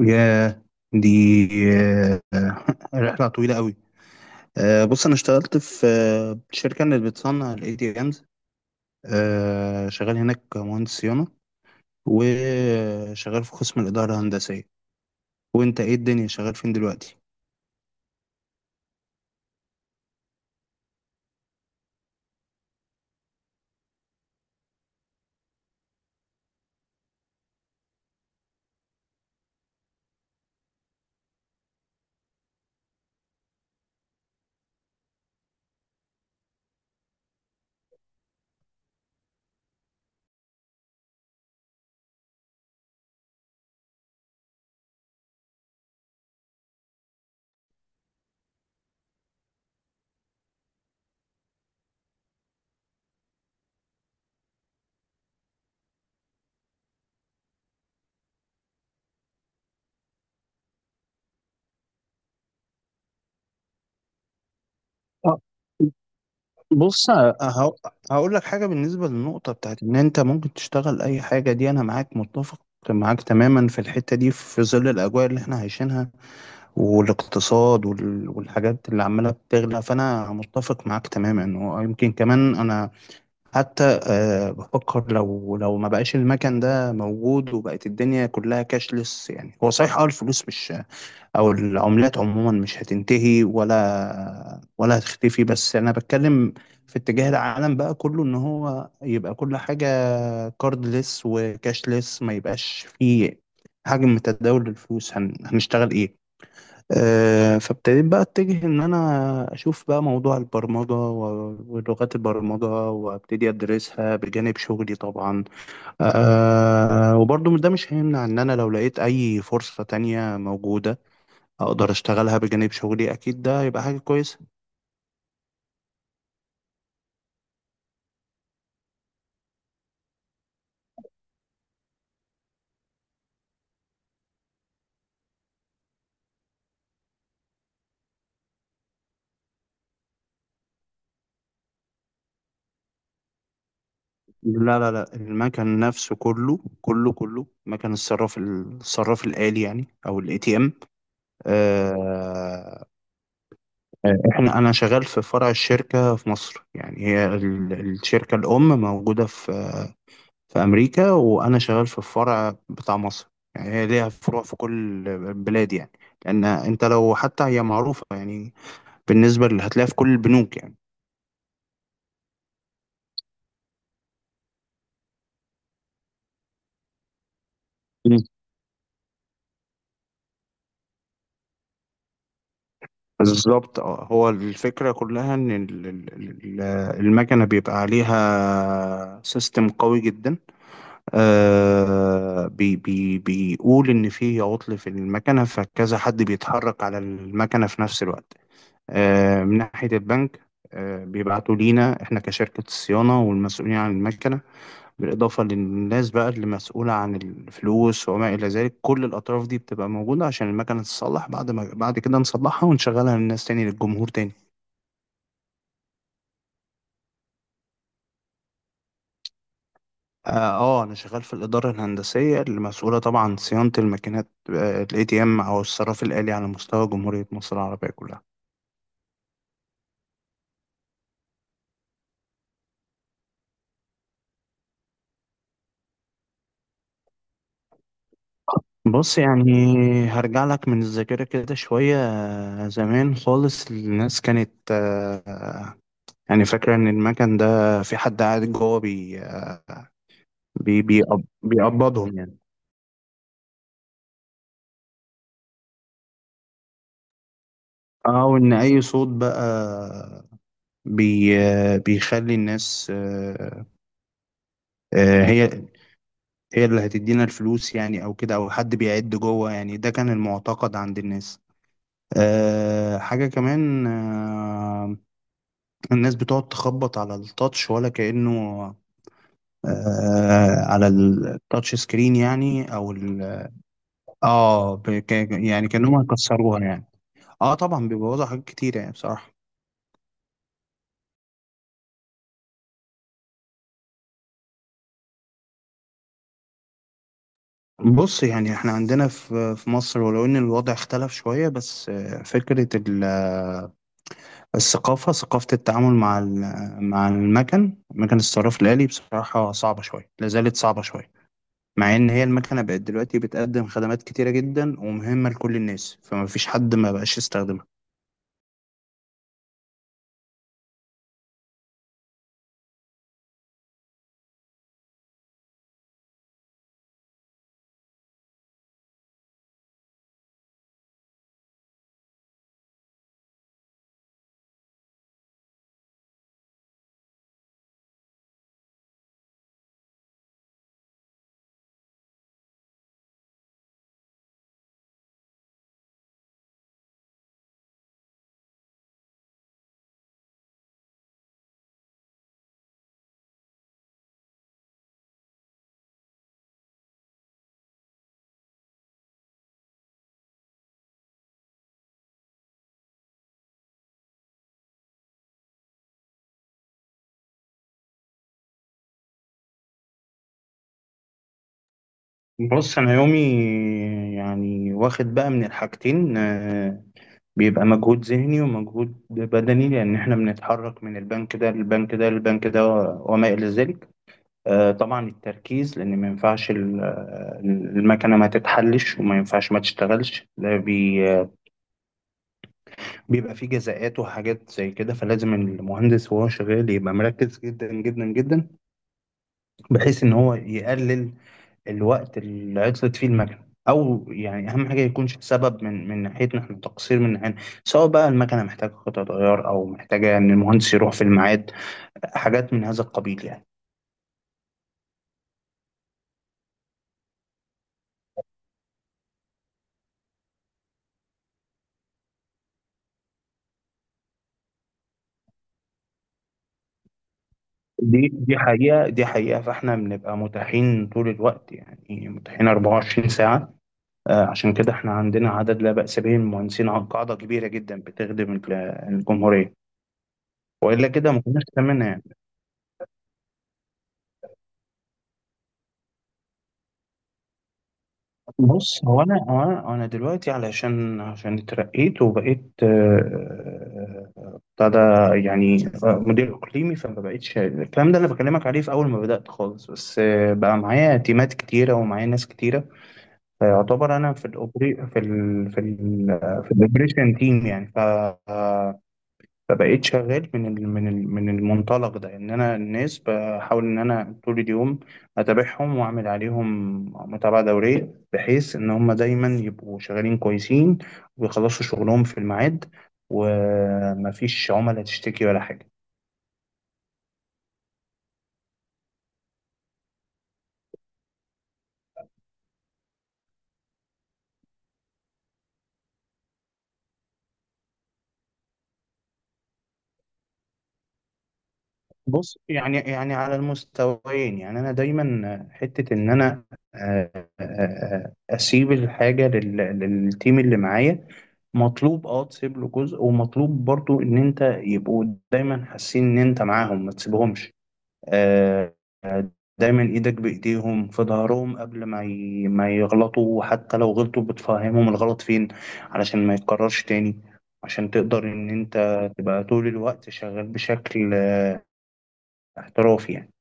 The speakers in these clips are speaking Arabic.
ياه دي آه، رحلة طويلة قوي. بص، أنا اشتغلت في شركة اللي بتصنع ال ATMs، شغال هناك مهندس صيانة، وشغال في قسم الإدارة الهندسية. وأنت إيه الدنيا، شغال فين دلوقتي؟ آه، بص، هقول هقول لك حاجة. بالنسبة للنقطة بتاعت إن أنت ممكن تشتغل أي حاجة دي، أنا معاك متفق. معاك تماما في الحتة دي، في ظل الأجواء اللي إحنا عايشينها والاقتصاد والحاجات اللي عمالة بتغلى، فأنا متفق معاك تماما. ويمكن كمان أنا حتى بفكر، لو ما بقاش المكان ده موجود وبقت الدنيا كلها كاشلس، يعني هو صحيح، الفلوس مش، أو العملات عموما مش هتنتهي ولا هتختفي. بس أنا بتكلم في اتجاه العالم بقى كله، إن هو يبقى كل حاجة كاردلس وكاشلس، ما يبقاش فيه حجم تداول الفلوس، هنشتغل إيه؟ فابتديت بقى اتجه ان انا اشوف بقى موضوع البرمجة ولغات البرمجة، وابتدي ادرسها بجانب شغلي طبعا. وبرضو ده مش هيمنع ان انا لو لقيت اي فرصة تانية موجودة، اقدر اشتغلها بجانب شغلي، اكيد ده هيبقى حاجة كويسة. لا، لا، لا، المكن نفسه كله كله كله، مكن الصراف الآلي يعني، او الاي تي ام. انا شغال في فرع الشركه في مصر. يعني هي الشركه الام موجوده في امريكا، وانا شغال في الفرع بتاع مصر. يعني هي ليها فروع في كل البلاد يعني، لان انت لو حتى هي معروفه يعني، بالنسبه اللي هتلاقيها في كل البنوك يعني. مم. بالظبط، هو الفكره كلها ان ال- المكنه بيبقى عليها سيستم قوي جدا. بي بي بيقول إن في عطل في المكنة، فكذا حد بيتحرك على المكنة في نفس الوقت، من ناحية البنك. بيبعتوا لينا إحنا كشركة الصيانة والمسؤولين عن المكنة، بالإضافة للناس بقى اللي مسؤولة عن الفلوس وما إلى ذلك. كل الأطراف دي بتبقى موجودة عشان المكنة تتصلح، بعد ما بعد كده نصلحها ونشغلها للناس تاني، للجمهور تاني. اه. انا شغال في الاداره الهندسيه المسؤوله طبعا عن صيانه الماكينات الاي تي ام، او الصراف الالي على مستوى جمهوريه مصر العربيه كلها. بص يعني، هرجع لك من الذاكره كده شويه. زمان خالص، الناس كانت يعني فاكره ان المكن ده في حد قاعد جوه بيقبضهم يعني. اه وان اي صوت بقى بي آه، بيخلي الناس، آه، هي هي اللي هتدينا الفلوس يعني، او كده، او حد بيعد جوه يعني. ده كان المعتقد عند الناس. حاجة كمان. الناس بتقعد تخبط على التاتش، ولا كأنه أه على التاتش سكرين يعني، او ال اه ب- ك- يعني كأنهم هيكسروها يعني. اه، طبعا بيبوظوا حاجات كتير يعني بصراحة. بص يعني، احنا عندنا في مصر، ولو ان الوضع اختلف شوية، بس فكرة الثقافة، ثقافة التعامل مع مع المكن، مكن الصراف الآلي، بصراحة صعبة شوية، لا زالت صعبة شوية. مع إن هي المكنة بقت دلوقتي بتقدم خدمات كتيرة جدا ومهمة لكل الناس، فما فيش حد ما بقاش يستخدمها. بص، أنا يومي يعني واخد بقى من الحاجتين. بيبقى مجهود ذهني ومجهود بدني، لأن إحنا بنتحرك من البنك ده للبنك ده للبنك ده وما إلى ذلك. طبعا التركيز، لان ما ينفعش المكنه ما تتحلش وما ينفعش ما تشتغلش، ده بي آه، بيبقى فيه جزاءات وحاجات زي كده. فلازم المهندس وهو شغال يبقى مركز جدا جدا جدا، بحيث ان هو يقلل الوقت اللي عطلت فيه المكنه، او يعني اهم حاجه يكونش سبب من ناحيتنا احنا، تقصير من ناحيتنا، سواء بقى المكنه محتاجه قطع غيار او محتاجه ان المهندس يروح في الميعاد، حاجات من هذا القبيل يعني. دي حقيقة، دي حقيقة، فاحنا بنبقى متاحين طول الوقت، يعني متاحين 24 ساعة. عشان كده احنا عندنا عدد لا بأس به من المهندسين عن قاعدة كبيرة جدا بتخدم الجمهورية، وإلا كده ما كناش تمنا يعني. بص، هو أنا هو أنا أنا دلوقتي علشان اترقيت وبقيت، ابتدى يعني، مدير إقليمي. فما بقتش الكلام ده اللي بكلمك عليه في أول ما بدأت خالص. بس بقى معايا تيمات كتيرة ومعايا ناس كتيرة، فيعتبر انا في الاوبري في ال في ال في الاوبريشن تيم يعني، فبقيت شغال من المنطلق ده، ان انا الناس بحاول ان انا طول اليوم اتابعهم واعمل عليهم متابعه دوريه، بحيث ان هم دايما يبقوا شغالين كويسين، ويخلصوا شغلهم في الميعاد، ومفيش عملاء تشتكي ولا حاجه. بص يعني، على المستويين يعني. انا دايما حته ان انا اسيب الحاجه للتيم اللي معايا. مطلوب تسيب له جزء، ومطلوب برضو ان انت يبقوا دايما حاسين ان انت معاهم، ما تسيبهمش. آه، آه، دايما ايدك بايديهم في ظهرهم، قبل ما ما يغلطوا، وحتى لو غلطوا بتفهمهم الغلط فين، علشان ما يتكررش تاني. عشان تقدر ان انت تبقى طول الوقت شغال بشكل احترافي يعني.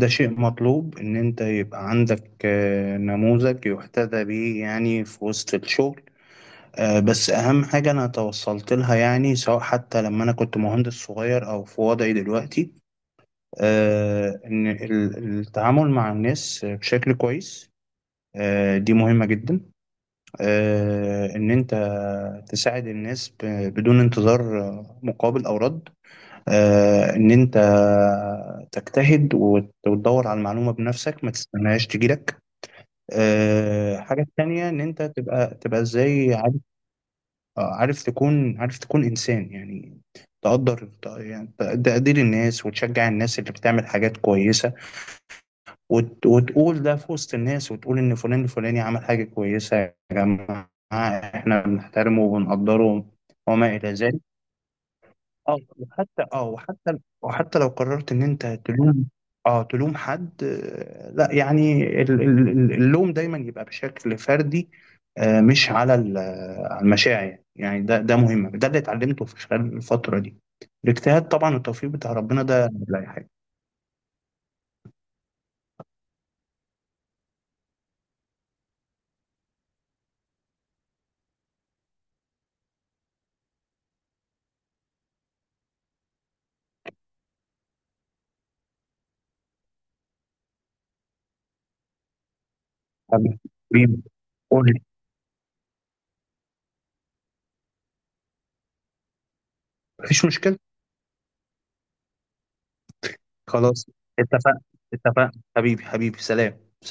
ده شيء مطلوب إن أنت يبقى عندك نموذج يحتذى به يعني في وسط الشغل. بس أهم حاجة أنا توصلت لها يعني، سواء حتى لما أنا كنت مهندس صغير أو في وضعي دلوقتي، إن التعامل مع الناس بشكل كويس، دي مهمة جدا. إن أنت تساعد الناس بدون انتظار مقابل أو رد. إن أنت تجتهد وتدور على المعلومة بنفسك، ما تستناهاش تجيلك. حاجة تانية، إن أنت تبقى إزاي عارف. عارف تكون إنسان يعني، تقدر تقدير الناس، وتشجع الناس اللي بتعمل حاجات كويسة، وتقول ده في وسط الناس، وتقول إن فلان الفلاني عمل حاجة كويسة، يا جماعة إحنا بنحترمه وبنقدره وما إلى ذلك. وحتى لو قررت ان انت تلوم، اه تلوم حد، لا يعني اللوم دايما يبقى بشكل فردي. مش على على المشاعر يعني، ده مهم، ده اللي اتعلمته في خلال الفترة دي، الاجتهاد طبعا، التوفيق بتاع ربنا ده لا أي حاجة. حبيبي، قول لي. مفيش مشكلة. خلاص، اتفقنا اتفقنا. حبيبي حبيبي سلام.